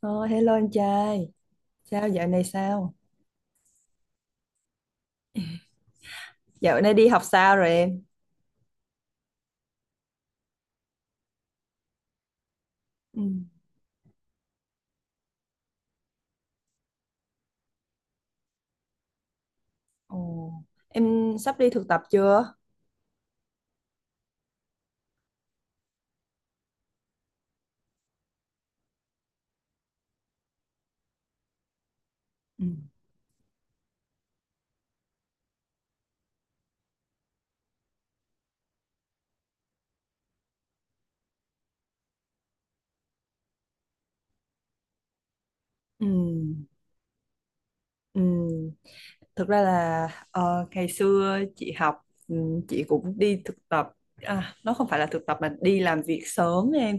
Ờ, Hello anh trai, sao? Dạo này đi học sao rồi em? Ừ. Ồ, em sắp đi thực tập chưa? Ừ. Ừ, ừ. Thực ra là ngày xưa chị học chị cũng đi thực tập à, nó không phải là thực tập mà đi làm việc sớm em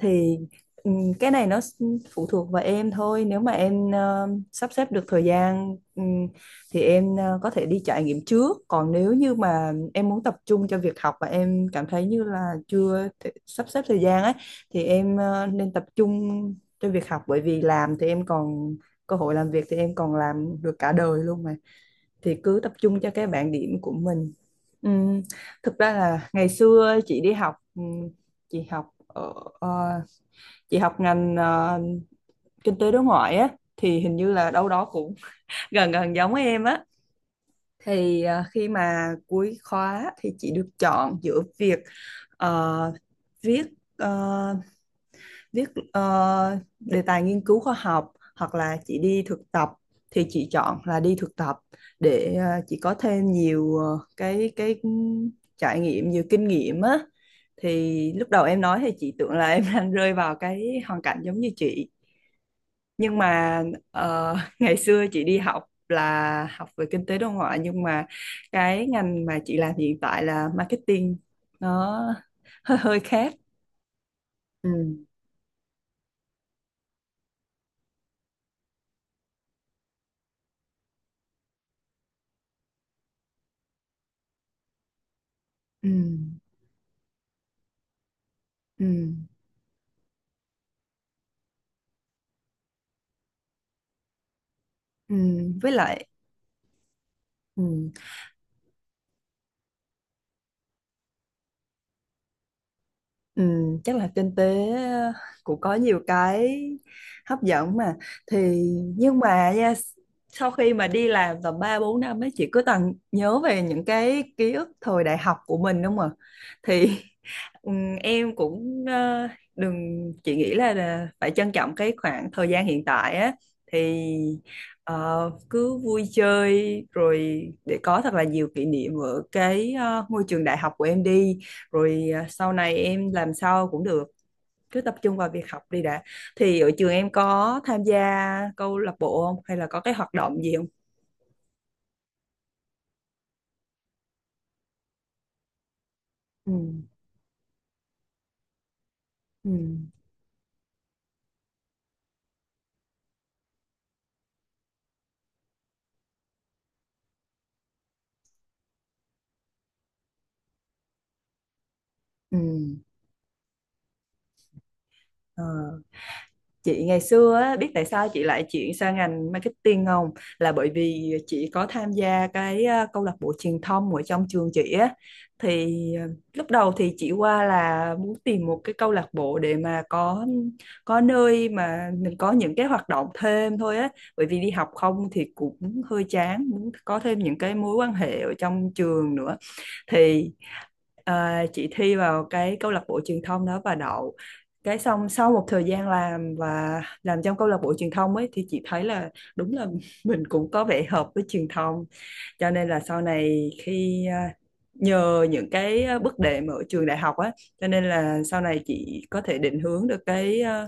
thì ừ, cái này phụ thuộc vào em thôi, nếu mà em sắp xếp được thời gian thì em có thể đi trải nghiệm trước, còn nếu như mà em muốn tập trung cho việc học và em cảm thấy như là chưa thể sắp xếp thời gian ấy thì em nên tập trung cho việc học, bởi vì làm thì em còn cơ hội, làm việc thì em còn làm được cả đời luôn mà, thì cứ tập trung cho cái bảng điểm của mình. Ừm, Thực ra là ngày xưa chị đi học chị học ở ờ, chị học ngành kinh tế đối ngoại á, thì hình như là đâu đó cũng gần gần giống em á, thì khi mà cuối khóa thì chị được chọn giữa việc ờ, viết ờ, viết ờ, đề tài nghiên cứu khoa học hoặc là chị đi thực tập, thì chị chọn là đi thực tập để chị có thêm nhiều ờ, cái trải nghiệm, nhiều kinh nghiệm á. Thì lúc đầu em nói thì chị tưởng là em đang rơi vào cái hoàn cảnh giống như chị, nhưng mà ờ, ngày xưa chị đi học là học về kinh tế đối ngoại, nhưng mà cái ngành mà chị làm hiện tại là marketing, nó hơi hơi khác. Ừ. Ừ, ừ. Ừ, với lại ừ, ừ, chắc là kinh tế cũng có nhiều cái hấp dẫn mà, thì nhưng mà nha, sau khi mà đi làm tầm 3 4 năm ấy, chị cứ toàn nhớ về những cái ký ức thời đại học của mình đúng không ạ? Thì ừ, em cũng đừng, chị nghĩ là phải trân trọng cái khoảng thời gian hiện tại á, thì cứ vui chơi rồi để có thật là nhiều kỷ niệm ở cái ngôi trường đại học của em đi, rồi à, sau này em làm sao cũng được, cứ tập trung vào việc học đi đã. Thì ở trường em có tham gia câu lạc bộ không, hay là có cái hoạt động gì không? Ừ. Ừ. Ừ. Ờ. Chị ngày xưa á, biết tại sao chị lại chuyển sang ngành marketing không? Là bởi vì chị có tham gia cái câu lạc bộ truyền thông ở trong trường chị á. Thì ờ, lúc đầu thì chị qua là muốn tìm một cái câu lạc bộ để mà có nơi mà mình có những cái hoạt động thêm thôi á. Bởi vì đi học không thì cũng hơi chán, muốn có thêm những cái mối quan hệ ở trong trường nữa. Thì à, chị thi vào cái câu lạc bộ truyền thông đó và đậu, cái xong sau một thời gian làm và làm trong câu lạc bộ truyền thông ấy thì chị thấy là đúng là mình cũng có vẻ hợp với truyền thông, cho nên là sau này khi à, nhờ những cái à, bước đệm ở trường đại học á, cho nên là sau này chị có thể định hướng được cái à,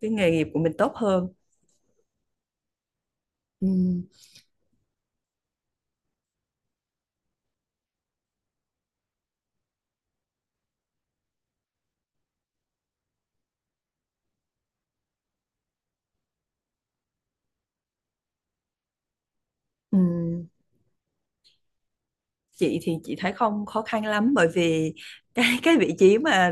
cái nghề nghiệp của mình tốt hơn. Ừ. Ừ. Chị thì chị thấy không khó khăn lắm, bởi vì cái cái vị trí mà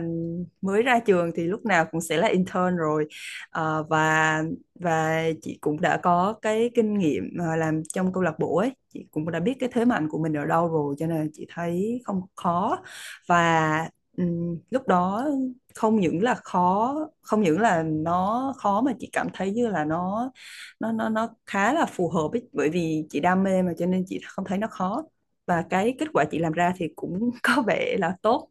mới ra trường thì lúc nào cũng sẽ là intern rồi. Ờ, và chị cũng đã có cái kinh nghiệm làm trong câu lạc bộ ấy, chị cũng đã biết cái thế mạnh của mình ở đâu rồi, cho nên chị thấy không khó. Và lúc đó không những là khó, không những là nó khó mà chị cảm thấy như là nó khá là phù hợp ấy, bởi vì chị đam mê mà cho nên chị không thấy nó khó, và cái kết quả chị làm ra thì cũng có vẻ là tốt.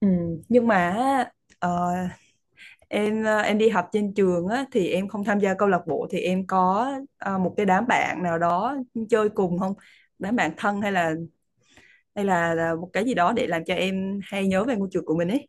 Ừ. Nhưng mà ờ, em em đi học trên trường á, thì em không tham gia câu lạc bộ, thì em có một cái đám bạn nào đó chơi cùng không, đám bạn thân, hay là một cái gì đó để làm cho em hay nhớ về ngôi trường của mình ấy?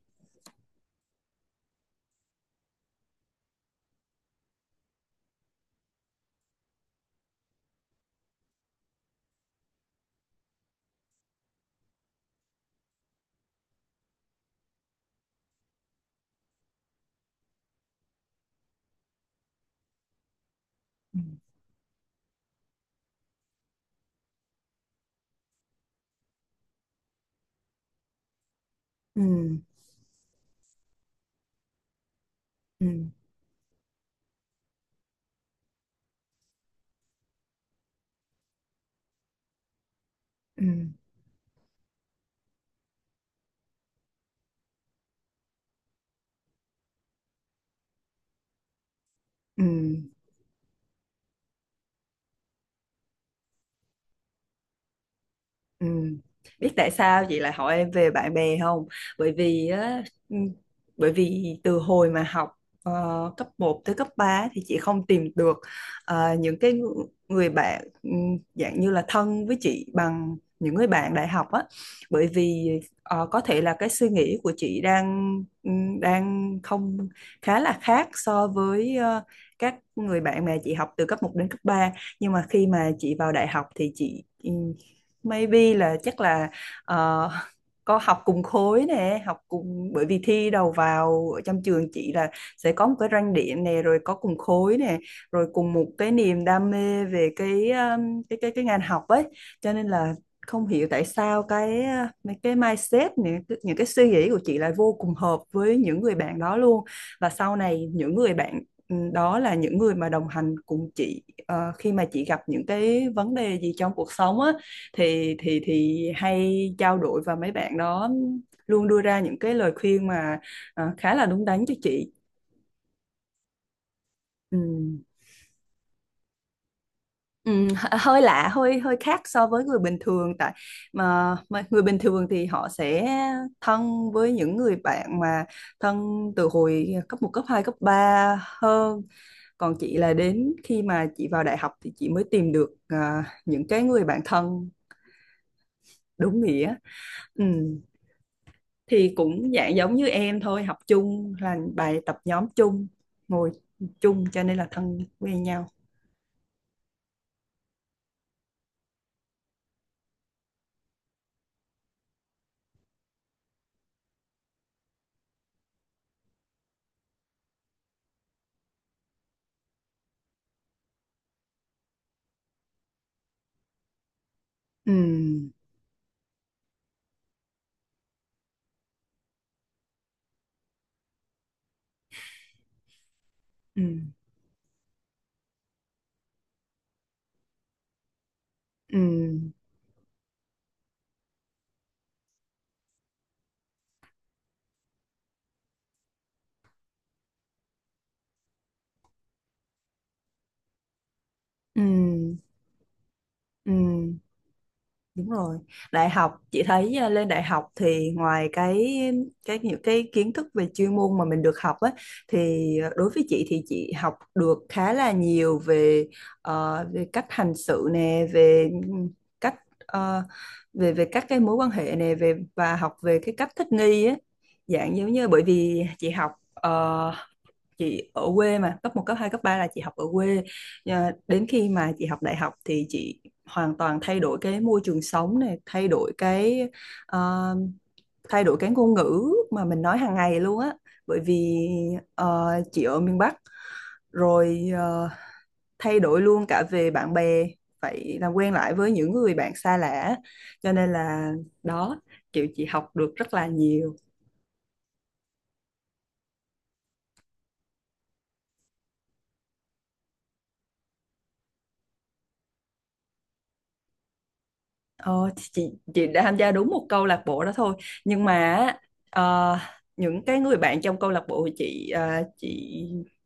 Ừ. Ừ. Ừ. Ừ. Ừ. Ừ. Biết tại sao chị lại hỏi em về bạn bè không? Bởi vì á, ừ, bởi vì từ hồi mà học ờ, cấp một tới cấp 3 thì chị không tìm được người bạn dạng như là thân với chị bằng những người bạn đại học á. Bởi vì có thể là cái suy nghĩ của chị đang ừ, đang không khá là khác so với các người bạn mà chị học từ cấp một đến cấp 3. Nhưng mà khi mà chị vào đại học thì chị ừ, maybe là chắc là ờ, có học cùng khối nè, học cùng, bởi vì thi đầu vào ở trong trường chị là sẽ có một cái ranh điểm nè, rồi có cùng khối nè, rồi cùng một cái niềm đam mê về cái cái ngành học ấy, cho nên là không hiểu tại sao cái mấy cái mindset, những cái suy nghĩ của chị lại vô cùng hợp với những người bạn đó luôn. Và sau này những người bạn ừ, đó là những người mà đồng hành cùng chị khi mà chị gặp những cái vấn đề gì trong cuộc sống á, thì thì hay trao đổi và mấy bạn đó luôn đưa ra những cái lời khuyên mà khá là đúng đắn cho chị. Ừ. Hơi lạ, hơi hơi khác so với người bình thường, tại mà người bình thường thì họ sẽ thân với những người bạn mà thân từ hồi cấp một, cấp hai, cấp 3 hơn, còn chị là đến khi mà chị vào đại học thì chị mới tìm được à, những cái người bạn thân đúng nghĩa. Ừ. Thì cũng dạng giống như em thôi, học chung, làm bài tập nhóm chung, ngồi chung cho nên là thân quen nhau. Ừ. Ừ. Ừ. Ừ. Ừ. Đúng rồi. Đại học chị thấy à, lên đại học thì ngoài cái những cái kiến thức về chuyên môn mà mình được học á, thì à, đối với chị thì chị học được khá là nhiều về về cách hành sự nè, về cách ờ, về về các cái mối quan hệ nè, về và học về cái cách thích nghi á. Dạng giống như bởi vì chị học chị ở quê mà, cấp một, cấp hai, cấp 3 là chị học ở quê. Ờ, đến khi mà chị học đại học thì chị hoàn toàn thay đổi cái môi trường sống này, thay đổi cái ờ, thay đổi cái ngôn ngữ mà mình nói hàng ngày luôn á, bởi vì chị ở miền Bắc, rồi thay đổi luôn cả về bạn bè, phải làm quen lại với những người bạn xa lạ, cho nên là đó, kiểu chị học được rất là nhiều. Ờ, thì chị đã tham gia đúng một câu lạc bộ đó thôi, nhưng mà á, ờ, những cái người bạn trong câu lạc bộ thì chị chị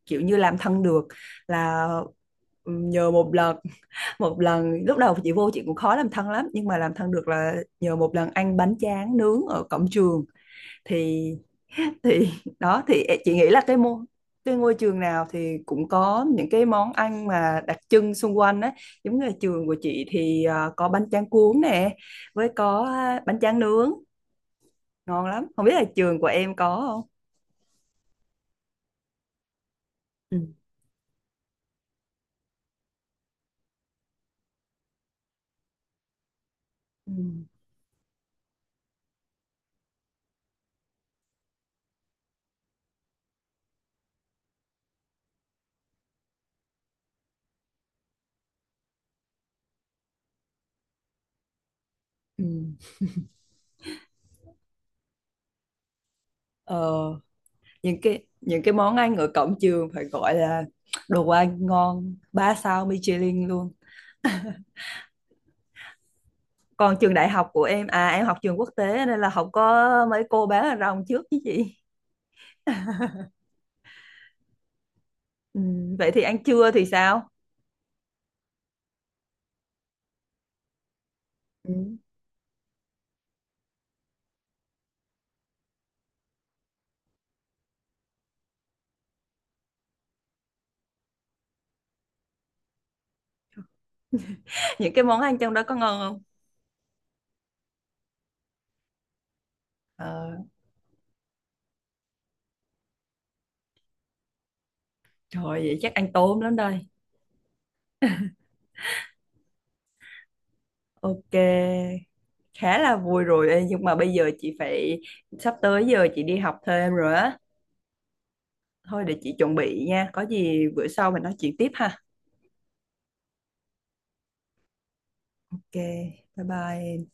kiểu như làm thân được là nhờ một lần một lần lúc đầu chị vô chị cũng khó làm thân lắm, nhưng mà làm thân được là nhờ một lần ăn bánh tráng nướng ở cổng trường, thì thì đó thì chị nghĩ là cái ngôi trường nào thì cũng có những cái món ăn mà đặc trưng xung quanh á, giống như là trường của chị thì à, có bánh tráng cuốn nè, với có à, bánh tráng nướng ngon lắm, không biết là trường của em có không. Ừ. Ừ. Ừ. Ờ, những cái món ăn ở cổng trường phải gọi là đồ ăn ngon ba sao Michelin luôn. Còn trường đại học của em à, em học trường quốc tế nên là không có mấy cô bán hàng rong trước chứ chị. Ừ, vậy thì ăn trưa thì sao? Ừ. Những cái món ăn trong đó có ngon không? Ờ, trời vậy chắc ăn tôm lắm đây. Ok, khá là vui rồi. Ê, nhưng mà bây giờ chị phải, sắp tới giờ chị đi học thêm rồi á. Thôi để chị chuẩn bị nha. Có gì bữa sau mình nói chuyện tiếp ha. Ok, bye bye.